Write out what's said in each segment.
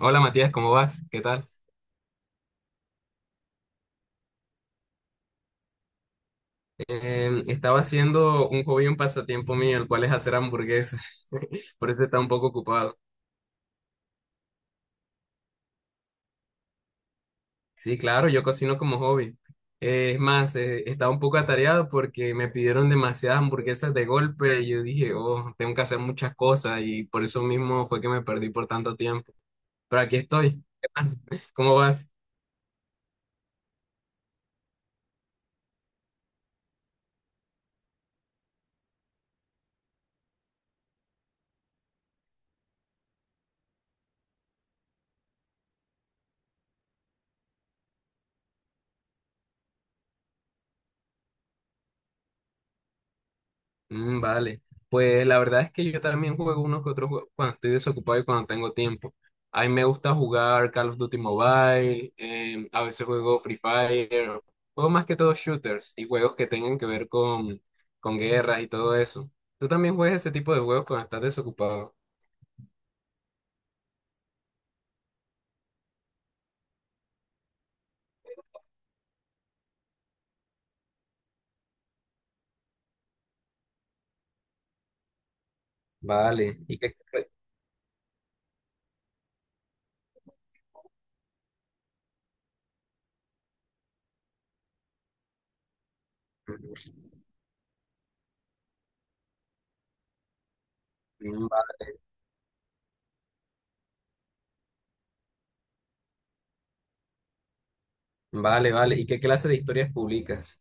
Hola Matías, ¿cómo vas? ¿Qué tal? Estaba haciendo un hobby, un pasatiempo mío, el cual es hacer hamburguesas. Por eso está un poco ocupado. Sí, claro, yo cocino como hobby. Es más, estaba un poco atareado porque me pidieron demasiadas hamburguesas de golpe y yo dije, oh, tengo que hacer muchas cosas y por eso mismo fue que me perdí por tanto tiempo. Pero aquí estoy. ¿Qué más? ¿Cómo vas? Mm, vale, pues la verdad es que yo también juego uno que otro juego cuando estoy desocupado y cuando tengo tiempo. A mí me gusta jugar Call of Duty Mobile, a veces juego Free Fire, juego más que todo shooters y juegos que tengan que ver con guerras y todo eso. ¿Tú también juegas ese tipo de juegos cuando estás desocupado? Vale, ¿y qué, Mm, va- vale, ¿y qué clase de historias publicas?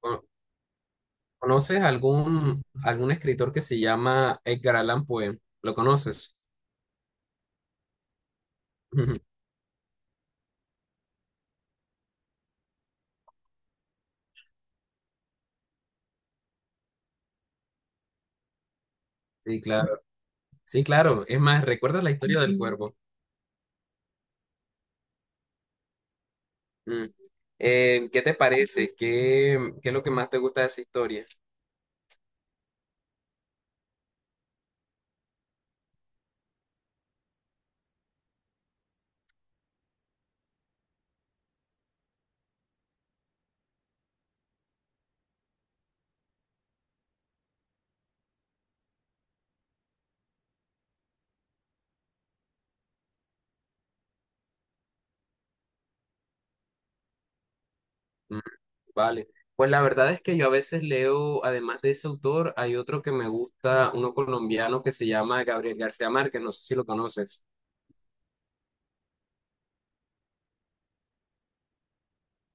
¿Cono- ¿Conoces algún, algún escritor que se llama Edgar Allan Poe? ¿Lo conoces? Sí, claro. Sí, claro. Es más, ¿recuerdas la historia del cuervo? Mm. ¿Qué te parece? ¿Qué, qué es lo que más te gusta de esa historia? Mm, vale. Pues la verdad es que yo a veces leo, además de ese autor, hay otro que me gusta, uno colombiano que se llama Gabriel García Márquez, no sé si lo conoces.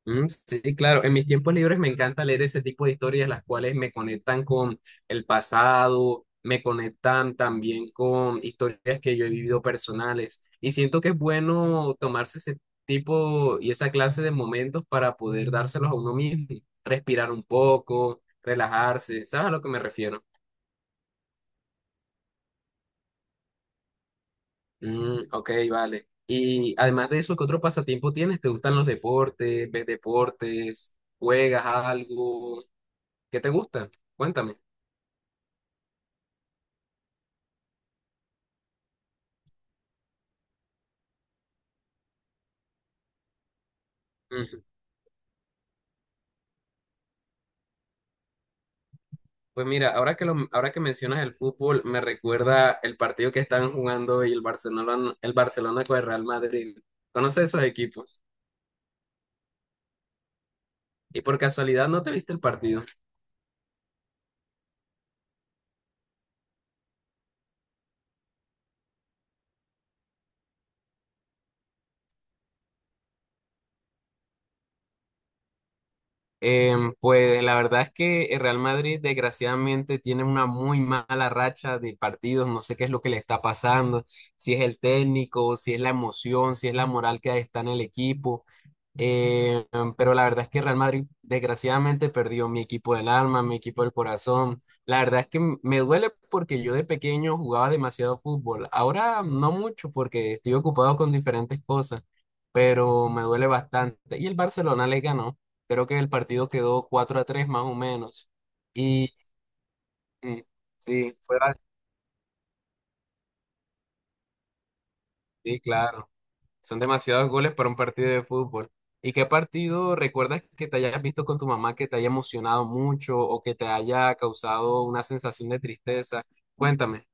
Mm, sí, claro. En mis tiempos libres me encanta leer ese tipo de historias, las cuales me conectan con el pasado, me conectan también con historias que yo he vivido personales. Y siento que es bueno tomarse ese tipo y esa clase de momentos para poder dárselos a uno mismo, respirar un poco, relajarse. ¿Sabes a lo que me refiero? Mm, ok, vale. Y además de eso, ¿qué otro pasatiempo tienes? ¿Te gustan los deportes? ¿Ves deportes? ¿Juegas algo? ¿Qué te gusta? Cuéntame. Ujú. Pues mira, ahora que lo, ahora que mencionas el fútbol, me recuerda el partido que estaban jugando y el Barcelona con el Real Madrid. ¿Conoces esos equipos? Y por casualidad no te viste el partido. Pues la verdad es que el Real Madrid desgraciadamente tiene una muy mala racha de partidos, no sé qué es lo que le está pasando, si es el técnico, si es la emoción, si es la moral que está en el equipo. Em, pero la verdad es que Real Madrid desgraciadamente perdió, mi equipo del alma, mi equipo del corazón, la verdad es que me duele porque yo de pequeño jugaba demasiado fútbol, ahora no mucho porque estoy ocupado con diferentes cosas, pero me duele bastante y el Barcelona le ganó. Creo que el partido quedó 4-3 más o menos. Y mm, sí, fue bas- sí, claro. Son demasiados goles para un partido de fútbol. ¿Y qué partido recuerdas que te hayas visto con tu mamá que te haya emocionado mucho o que te haya causado una sensación de tristeza? Cuéntame.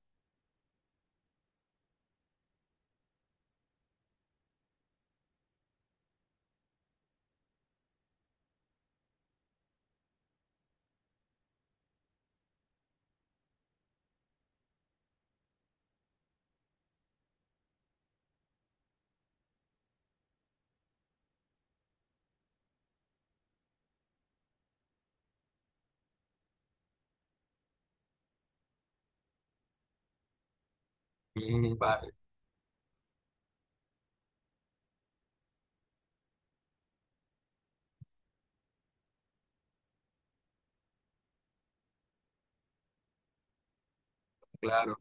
Mm, vale, claro.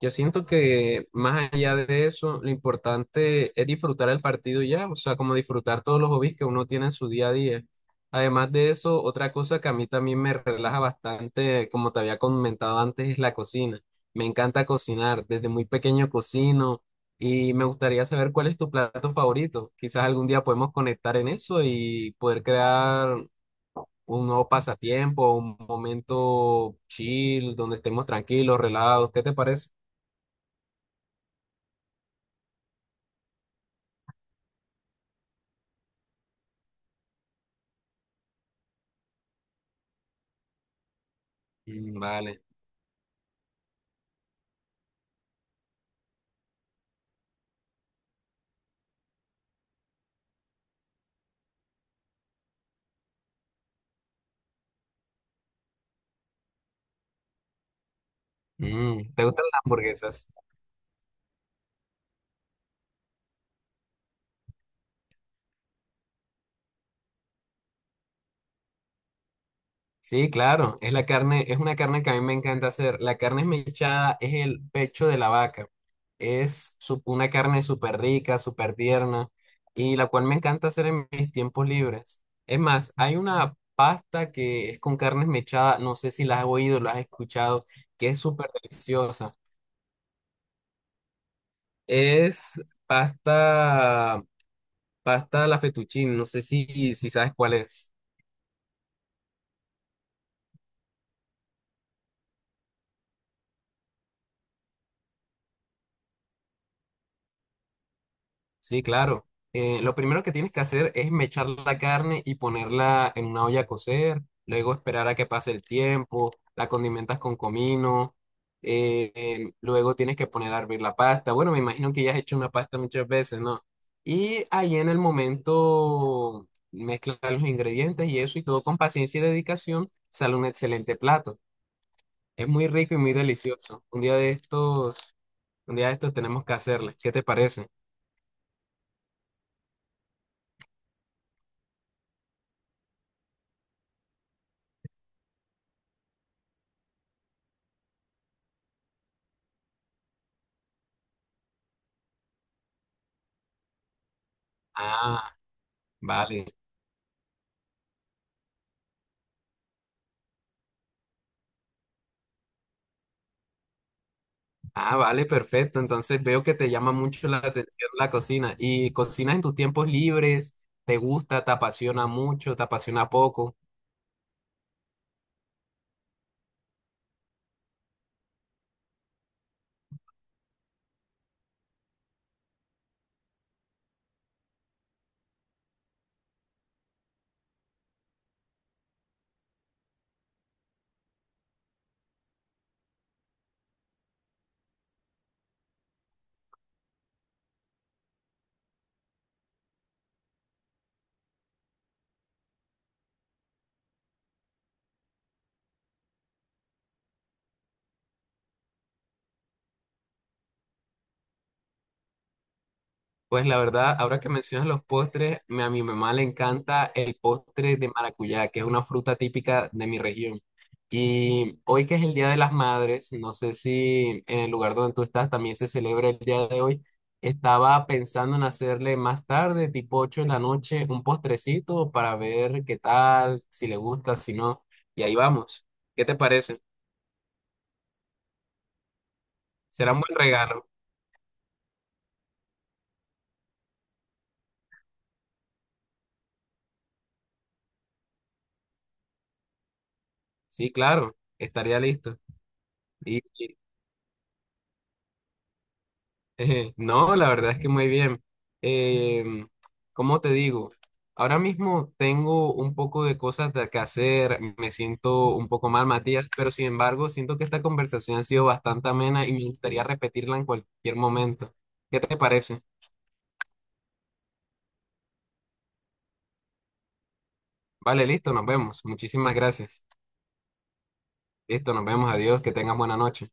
Yo siento que más allá de eso, lo importante es disfrutar el partido y ya, o sea, como disfrutar todos los hobbies que uno tiene en su día a día. Además de eso, otra cosa que a mí también me relaja bastante, como te había comentado antes, es la cocina. Me encanta cocinar, desde muy pequeño cocino y me gustaría saber cuál es tu plato favorito. Quizás algún día podemos conectar en eso y poder crear un nuevo pasatiempo, un momento chill, donde estemos tranquilos, relajados. ¿Qué te parece? Mm, vale. Mm, ¿te gustan las hamburguesas? Sí, claro. Es la carne, es una carne que a mí me encanta hacer. La carne esmechada es el pecho de la vaca. Es una carne súper rica, súper tierna y la cual me encanta hacer en mis tiempos libres. Es más, hay una pasta que es con carne esmechada, no sé si la has oído, la has escuchado, que es súper deliciosa. Es pasta, pasta a la fettuccine, no sé si, si sabes cuál es. Sí, claro. Lo primero que tienes que hacer es mechar la carne y ponerla en una olla a cocer, luego esperar a que pase el tiempo, la condimentas con comino, luego tienes que poner a hervir la pasta. Bueno, me imagino que ya has hecho una pasta muchas veces, ¿no? Y ahí en el momento mezclas los ingredientes y eso y todo con paciencia y dedicación sale un excelente plato. Es muy rico y muy delicioso. Un día de estos tenemos que hacerle. ¿Qué te parece? Ah, vale. Ah, vale, perfecto. Entonces veo que te llama mucho la atención la cocina. ¿Y cocinas en tus tiempos libres? ¿Te gusta? ¿Te apasiona mucho? ¿Te apasiona poco? Pues la verdad, ahora que mencionas los postres, a mi mamá le encanta el postre de maracuyá, que es una fruta típica de mi región. Y hoy que es el Día de las Madres, no sé si en el lugar donde tú estás también se celebra el día de hoy, estaba pensando en hacerle más tarde, tipo 8 de la noche, un postrecito para ver qué tal, si le gusta, si no. Y ahí vamos. ¿Qué te parece? Será un buen regalo. Sí, claro, estaría listo. Y no, la verdad es que muy bien. Em, ¿Cómo te digo? Ahora mismo tengo un poco de cosas que hacer, me siento un poco mal, Matías, pero sin embargo siento que esta conversación ha sido bastante amena y me gustaría repetirla en cualquier momento. ¿Qué te parece? Vale, listo, nos vemos. Muchísimas gracias. Listo, nos vemos. Adiós, que tengas buena noche.